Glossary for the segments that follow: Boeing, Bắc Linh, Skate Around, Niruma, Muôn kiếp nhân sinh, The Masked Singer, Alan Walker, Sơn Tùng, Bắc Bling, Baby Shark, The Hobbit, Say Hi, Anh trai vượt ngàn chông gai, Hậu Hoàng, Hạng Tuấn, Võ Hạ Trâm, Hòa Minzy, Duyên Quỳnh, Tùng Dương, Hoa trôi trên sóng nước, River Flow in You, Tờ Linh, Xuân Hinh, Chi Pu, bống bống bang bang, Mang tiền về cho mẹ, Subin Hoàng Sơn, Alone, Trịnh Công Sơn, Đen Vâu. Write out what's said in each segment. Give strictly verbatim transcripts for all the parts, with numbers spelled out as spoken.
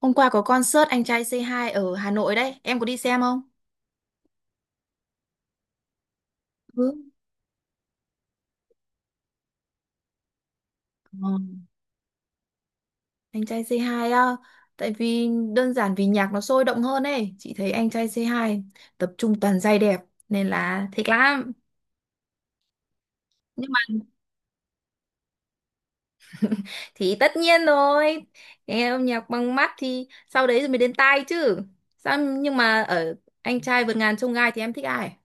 Hôm qua có concert Anh trai xê hai ở Hà Nội đấy, em có đi xem không? Ừ. Ờ. Anh trai say hai á, tại vì đơn giản vì nhạc nó sôi động hơn ấy, chị thấy Anh trai xê hai tập trung toàn giai đẹp nên là thích lắm. Nhưng mà thì tất nhiên rồi, nghe âm nhạc bằng mắt thì sau đấy rồi mới đến tai chứ. Sao nhưng mà ở Anh trai vượt ngàn chông gai thì em thích ai?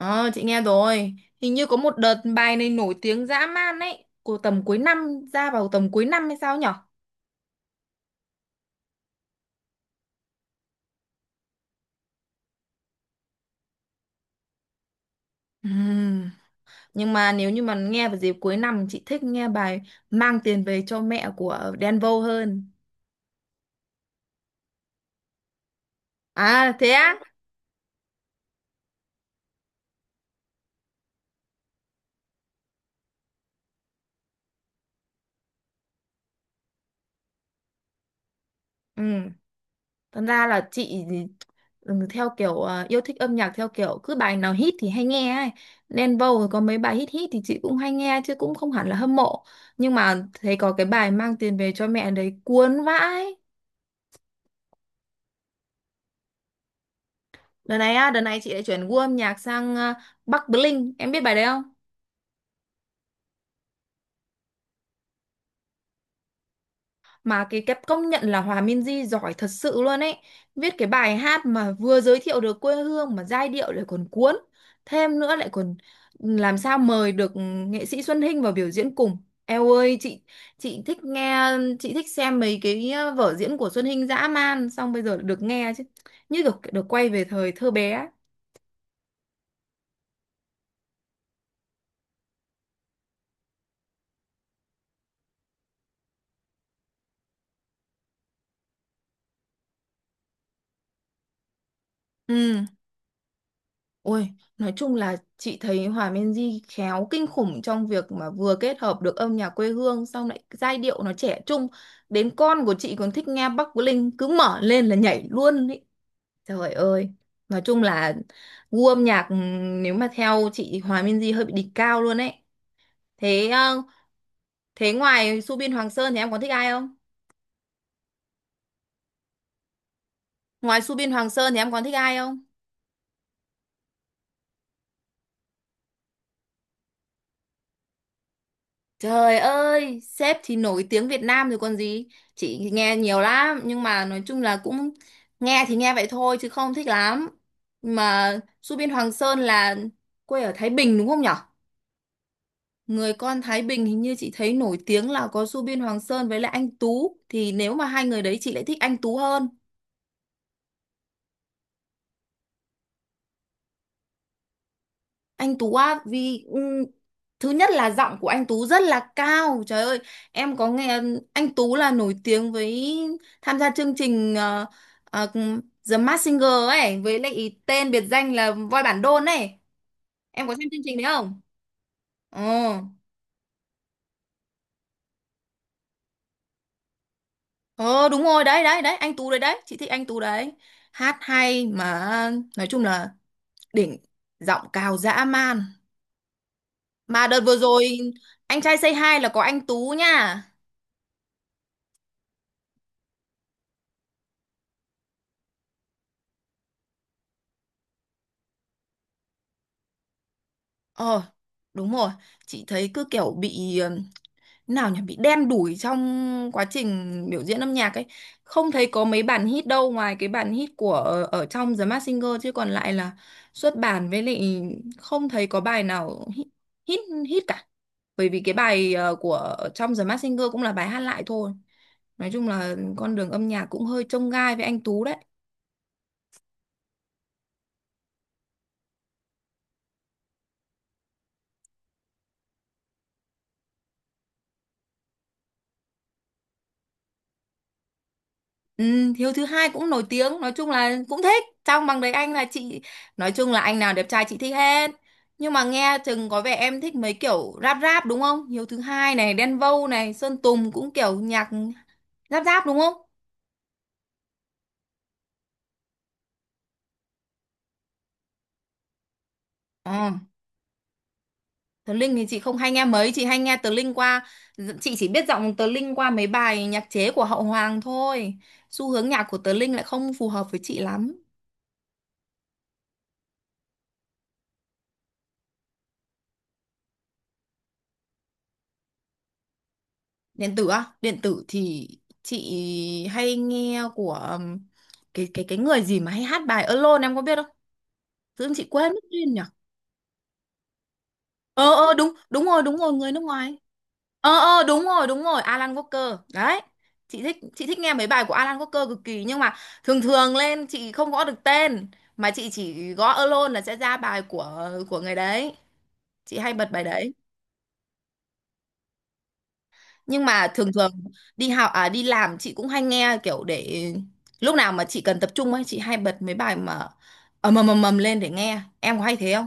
Ờ, chị nghe rồi. Hình như có một đợt bài này nổi tiếng dã man ấy, của tầm cuối năm ra vào tầm cuối năm hay sao nhỉ? Ừm, Nhưng mà nếu như mà nghe vào dịp cuối năm chị thích nghe bài Mang Tiền Về Cho Mẹ của Đen Vâu hơn. À thế á? Ừ. Thật ra là chị thì, ừ, theo kiểu ờ, yêu thích âm nhạc theo kiểu cứ bài nào hit thì hay nghe ấy. Đen Vâu rồi có mấy bài hit hit thì chị cũng hay nghe chứ cũng không hẳn là hâm mộ. Nhưng mà thấy có cái bài Mang Tiền Về Cho Mẹ đấy cuốn vãi. Đợt này á, đợt này chị lại chuyển gu âm nhạc sang ờ, Bắc Bling. Em biết bài đấy không? Mà cái cái công nhận là Hòa Minzy giỏi thật sự luôn ấy, viết cái bài hát mà vừa giới thiệu được quê hương mà giai điệu lại còn cuốn, thêm nữa lại còn làm sao mời được nghệ sĩ Xuân Hinh vào biểu diễn cùng. Eo ơi, chị chị thích nghe, chị thích xem mấy cái ờ, vở diễn của Xuân Hinh dã man, xong bây giờ được nghe chứ như được được quay về thời thơ bé ấy. Ừ. Ôi, nói chung là chị thấy Hòa Minzy khéo kinh khủng trong việc mà vừa kết hợp được âm nhạc quê hương xong lại giai điệu nó trẻ trung. Đến con của chị còn thích nghe Bắc Linh, cứ mở lên là nhảy luôn ý. Trời ơi, nói chung là gu âm nhạc, ừm, nếu mà theo chị thì Hòa Minzy hơi bị đỉnh cao luôn ấy. Thế ờ, thế ngoài Subin Hoàng Sơn thì em còn thích ai không? Ngoài Subin Hoàng Sơn thì em còn thích ai không? Trời ơi, sếp thì nổi tiếng Việt Nam rồi còn gì. Chị nghe nhiều lắm, nhưng mà nói chung là cũng nghe thì nghe vậy thôi chứ không thích lắm. Mà Su Biên Hoàng Sơn là quê ở Thái Bình đúng không nhở? Người con Thái Bình hình như chị thấy nổi tiếng là có Su Biên Hoàng Sơn với lại anh Tú. Thì nếu mà hai người đấy chị lại thích anh Tú hơn. Anh Tú á, vì ừm, thứ nhất là giọng của anh Tú rất là cao. Trời ơi, em có nghe anh Tú là nổi tiếng với tham gia chương trình ờ, ờ, The Masked Singer ấy với lại tên biệt danh là voi bản đôn ấy. Em có xem chương trình đấy không? Ờ. Ờ đúng rồi, đấy đấy đấy, anh Tú đấy đấy, chị thích anh Tú đấy. Hát hay mà nói chung là đỉnh, giọng cao dã man. Mà đợt vừa rồi anh trai Say Hi là có anh Tú nha. Ờ, đúng rồi. Chị thấy cứ kiểu bị, ừm, nào nhỉ, bị đen đủi trong quá trình biểu diễn âm nhạc ấy. Không thấy có mấy bản hit đâu ngoài cái bản hit của ở, ở trong The Masked Singer chứ còn lại là xuất bản, với lại không thấy có bài nào hit hit, hit cả. Bởi vì cái bài ờ, của ở trong The Masked Singer cũng là bài hát lại thôi. Nói chung là con đường âm nhạc cũng hơi chông gai với anh Tú đấy. Ừ, Hiếu thứ hai cũng nổi tiếng, nói chung là cũng thích trong bằng đấy anh, là chị nói chung là anh nào đẹp trai chị thích hết, nhưng mà nghe chừng có vẻ em thích mấy kiểu rap rap đúng không? Hiếu thứ hai này, Đen Vâu này, Sơn Tùng cũng kiểu nhạc rap rap đúng không? Ờ, Tờ Linh thì chị không hay nghe mấy, chị hay nghe Tờ Linh qua, chị chỉ biết giọng Tờ Linh qua mấy bài nhạc chế của Hậu Hoàng thôi, xu hướng nhạc của Tờ Linh lại không phù hợp với chị lắm. Điện tử á, điện tử thì chị hay nghe của um, cái cái cái người gì mà hay hát bài Alone, em có biết không? Tự dưng chị quên mất tên nhỉ. Ờ ờ, đúng đúng rồi đúng rồi, người nước ngoài. Ờ ờ, đúng rồi đúng rồi, Alan Walker đấy. Chị thích chị thích nghe mấy bài của Alan Walker cực kỳ, nhưng mà thường thường lên chị không gõ được tên, mà chị chỉ gõ Alone là sẽ ra bài của của người đấy, chị hay bật bài đấy. Nhưng mà thường thường đi học à đi làm chị cũng hay nghe kiểu để lúc nào mà chị cần tập trung ấy, chị hay bật mấy bài mà ầm ầm ầm ầm lên để nghe, em có hay thế không?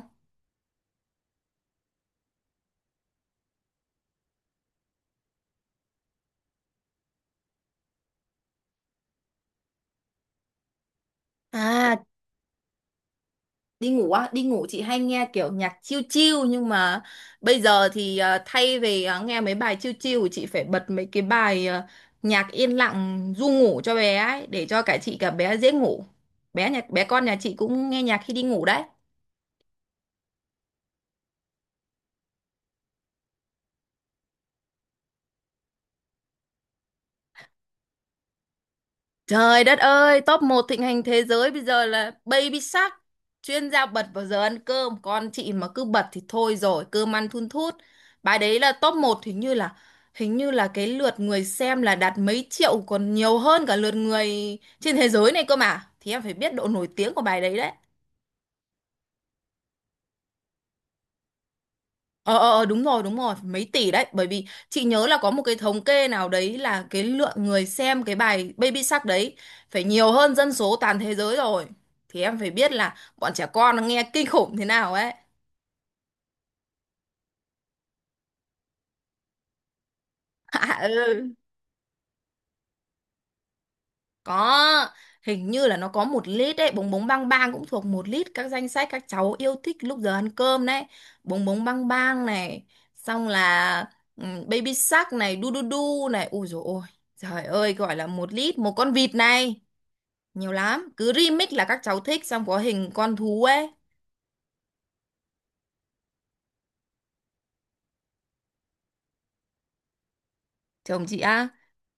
À, đi ngủ á, đi ngủ chị hay nghe kiểu nhạc chill chill, nhưng mà bây giờ thì à, thay vì à, nghe mấy bài chill chill chị phải bật mấy cái bài, à, nhạc yên lặng ru ngủ cho bé ấy để cho cả chị cả bé dễ ngủ. Bé nhà bé con nhà chị cũng nghe nhạc khi đi ngủ đấy. Trời đất ơi, top một thịnh hành thế giới bây giờ là Baby Shark, chuyên gia bật vào giờ ăn cơm, con chị mà cứ bật thì thôi rồi, cơm ăn thun thút. Bài đấy là top một, hình như là hình như là cái lượt người xem là đạt mấy triệu còn nhiều hơn cả lượt người trên thế giới này cơ mà. Thì em phải biết độ nổi tiếng của bài đấy đấy. Ờ, ờ ờ, đúng rồi đúng rồi mấy tỷ đấy, bởi vì chị nhớ là có một cái thống kê nào đấy là cái lượng người xem cái bài Baby Shark đấy phải nhiều hơn dân số toàn thế giới rồi, thì em phải biết là bọn trẻ con nó nghe kinh khủng thế nào ấy. À, ừ. Có, hình như là nó có một lít đấy, Bống Bống Bang Bang cũng thuộc một lít các danh sách các cháu yêu thích lúc giờ ăn cơm đấy. Bống Bống Bang Bang này, xong là, ừ, Baby Shark này, đu đu đu này, ui dồi ôi. Trời ơi, gọi là một lít một con vịt này. Nhiều lắm, cứ remix là các cháu thích, xong có hình con thú ấy. Chồng chị á,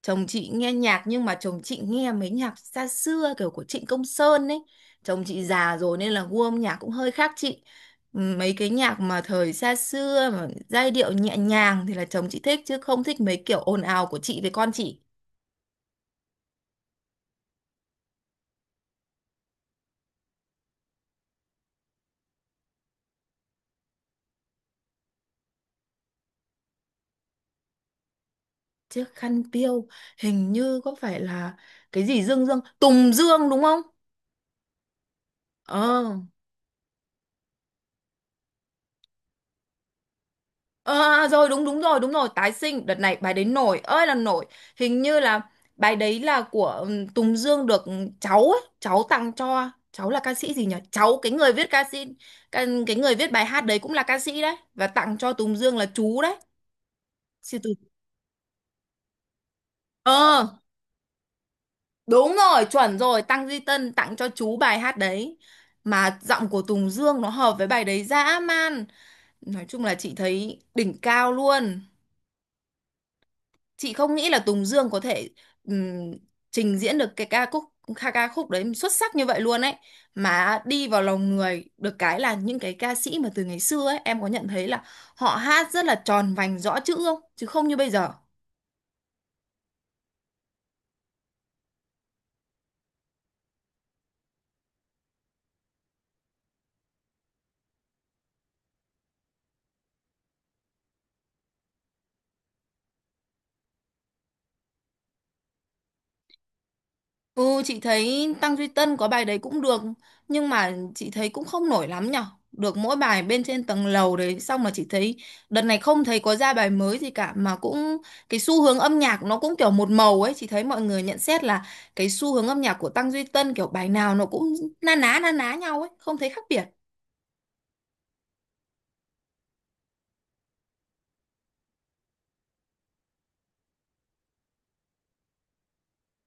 chồng chị nghe nhạc, nhưng mà chồng chị nghe mấy nhạc xa xưa kiểu của Trịnh Công Sơn ấy. Chồng chị già rồi nên là gu âm nhạc cũng hơi khác chị. Ừ, mấy cái nhạc mà thời xa xưa mà giai điệu nhẹ nhàng thì là chồng chị thích chứ không thích mấy kiểu ồn ào của chị với con chị. Chiếc khăn piêu, hình như có phải là cái gì dương dương Tùng Dương đúng không? Ờ. Ờ, à, rồi đúng đúng rồi đúng rồi tái sinh, đợt này bài đấy nổi ơi là nổi. Hình như là bài đấy là của ừm, Tùng Dương được cháu ấy, cháu tặng cho, cháu là ca sĩ gì nhỉ, cháu, cái người viết ca sĩ, cái, cái người viết bài hát đấy cũng là ca sĩ đấy và tặng cho Tùng Dương là chú đấy. Sư tử, ờ đúng rồi, chuẩn rồi, Tăng Duy Tân tặng cho chú bài hát đấy. Mà giọng của Tùng Dương nó hợp với bài đấy dã man, nói chung là chị thấy đỉnh cao luôn. Chị không nghĩ là Tùng Dương có thể, ừm, trình diễn được cái ca khúc, ca ca khúc đấy xuất sắc như vậy luôn ấy, mà đi vào lòng người. Được cái là những cái ca sĩ mà từ ngày xưa ấy, em có nhận thấy là họ hát rất là tròn vành rõ chữ, không chứ không như bây giờ. Ừ, chị thấy Tăng Duy Tân có bài đấy cũng được, nhưng mà chị thấy cũng không nổi lắm nhở, được mỗi bài bên trên tầng lầu đấy, xong mà chị thấy đợt này không thấy có ra bài mới gì cả, mà cũng cái xu hướng âm nhạc nó cũng kiểu một màu ấy, chị thấy mọi người nhận xét là cái xu hướng âm nhạc của Tăng Duy Tân kiểu bài nào nó cũng na ná na ná nhau ấy, không thấy khác biệt.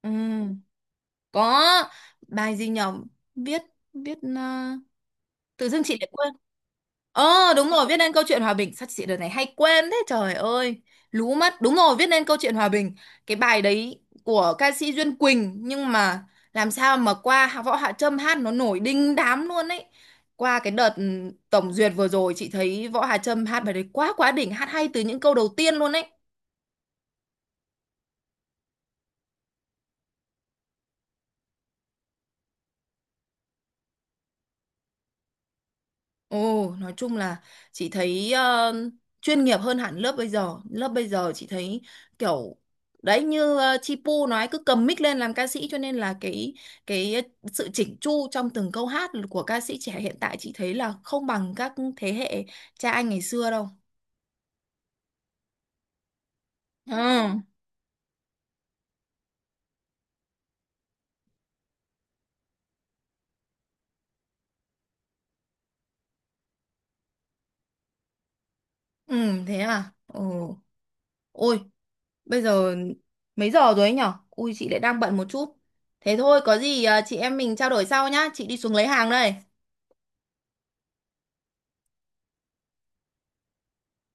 Ừ. Có bài gì nhở? Viết viết ờ, tự dưng chị lại quên. Ờ đúng rồi, viết nên câu chuyện hòa bình, sao chị đợt này hay quên thế trời ơi, lú mất. Đúng rồi, viết nên câu chuyện hòa bình, cái bài đấy của ca sĩ Duyên Quỳnh, nhưng mà làm sao mà qua Võ Hạ Trâm hát nó nổi đinh đám luôn ấy. Qua cái đợt ừ, tổng duyệt vừa rồi chị thấy Võ Hạ Trâm hát bài đấy quá quá đỉnh, hát hay từ những câu đầu tiên luôn ấy. Ồ, nói chung là chị thấy ờ, chuyên nghiệp hơn hẳn lớp bây giờ. Lớp bây giờ chị thấy kiểu đấy, như uh, Chi Pu nói cứ cầm mic lên làm ca sĩ, cho nên là cái cái sự chỉnh chu trong từng câu hát của ca sĩ trẻ hiện tại chị thấy là không bằng các thế hệ cha anh ngày xưa đâu. Ừ, ừ thế à. Ồ, ôi, bây giờ mấy giờ rồi ấy nhở? Ui chị lại đang bận một chút. Thế thôi, có gì ờ, chị em mình trao đổi sau nhá. Chị đi xuống lấy hàng đây.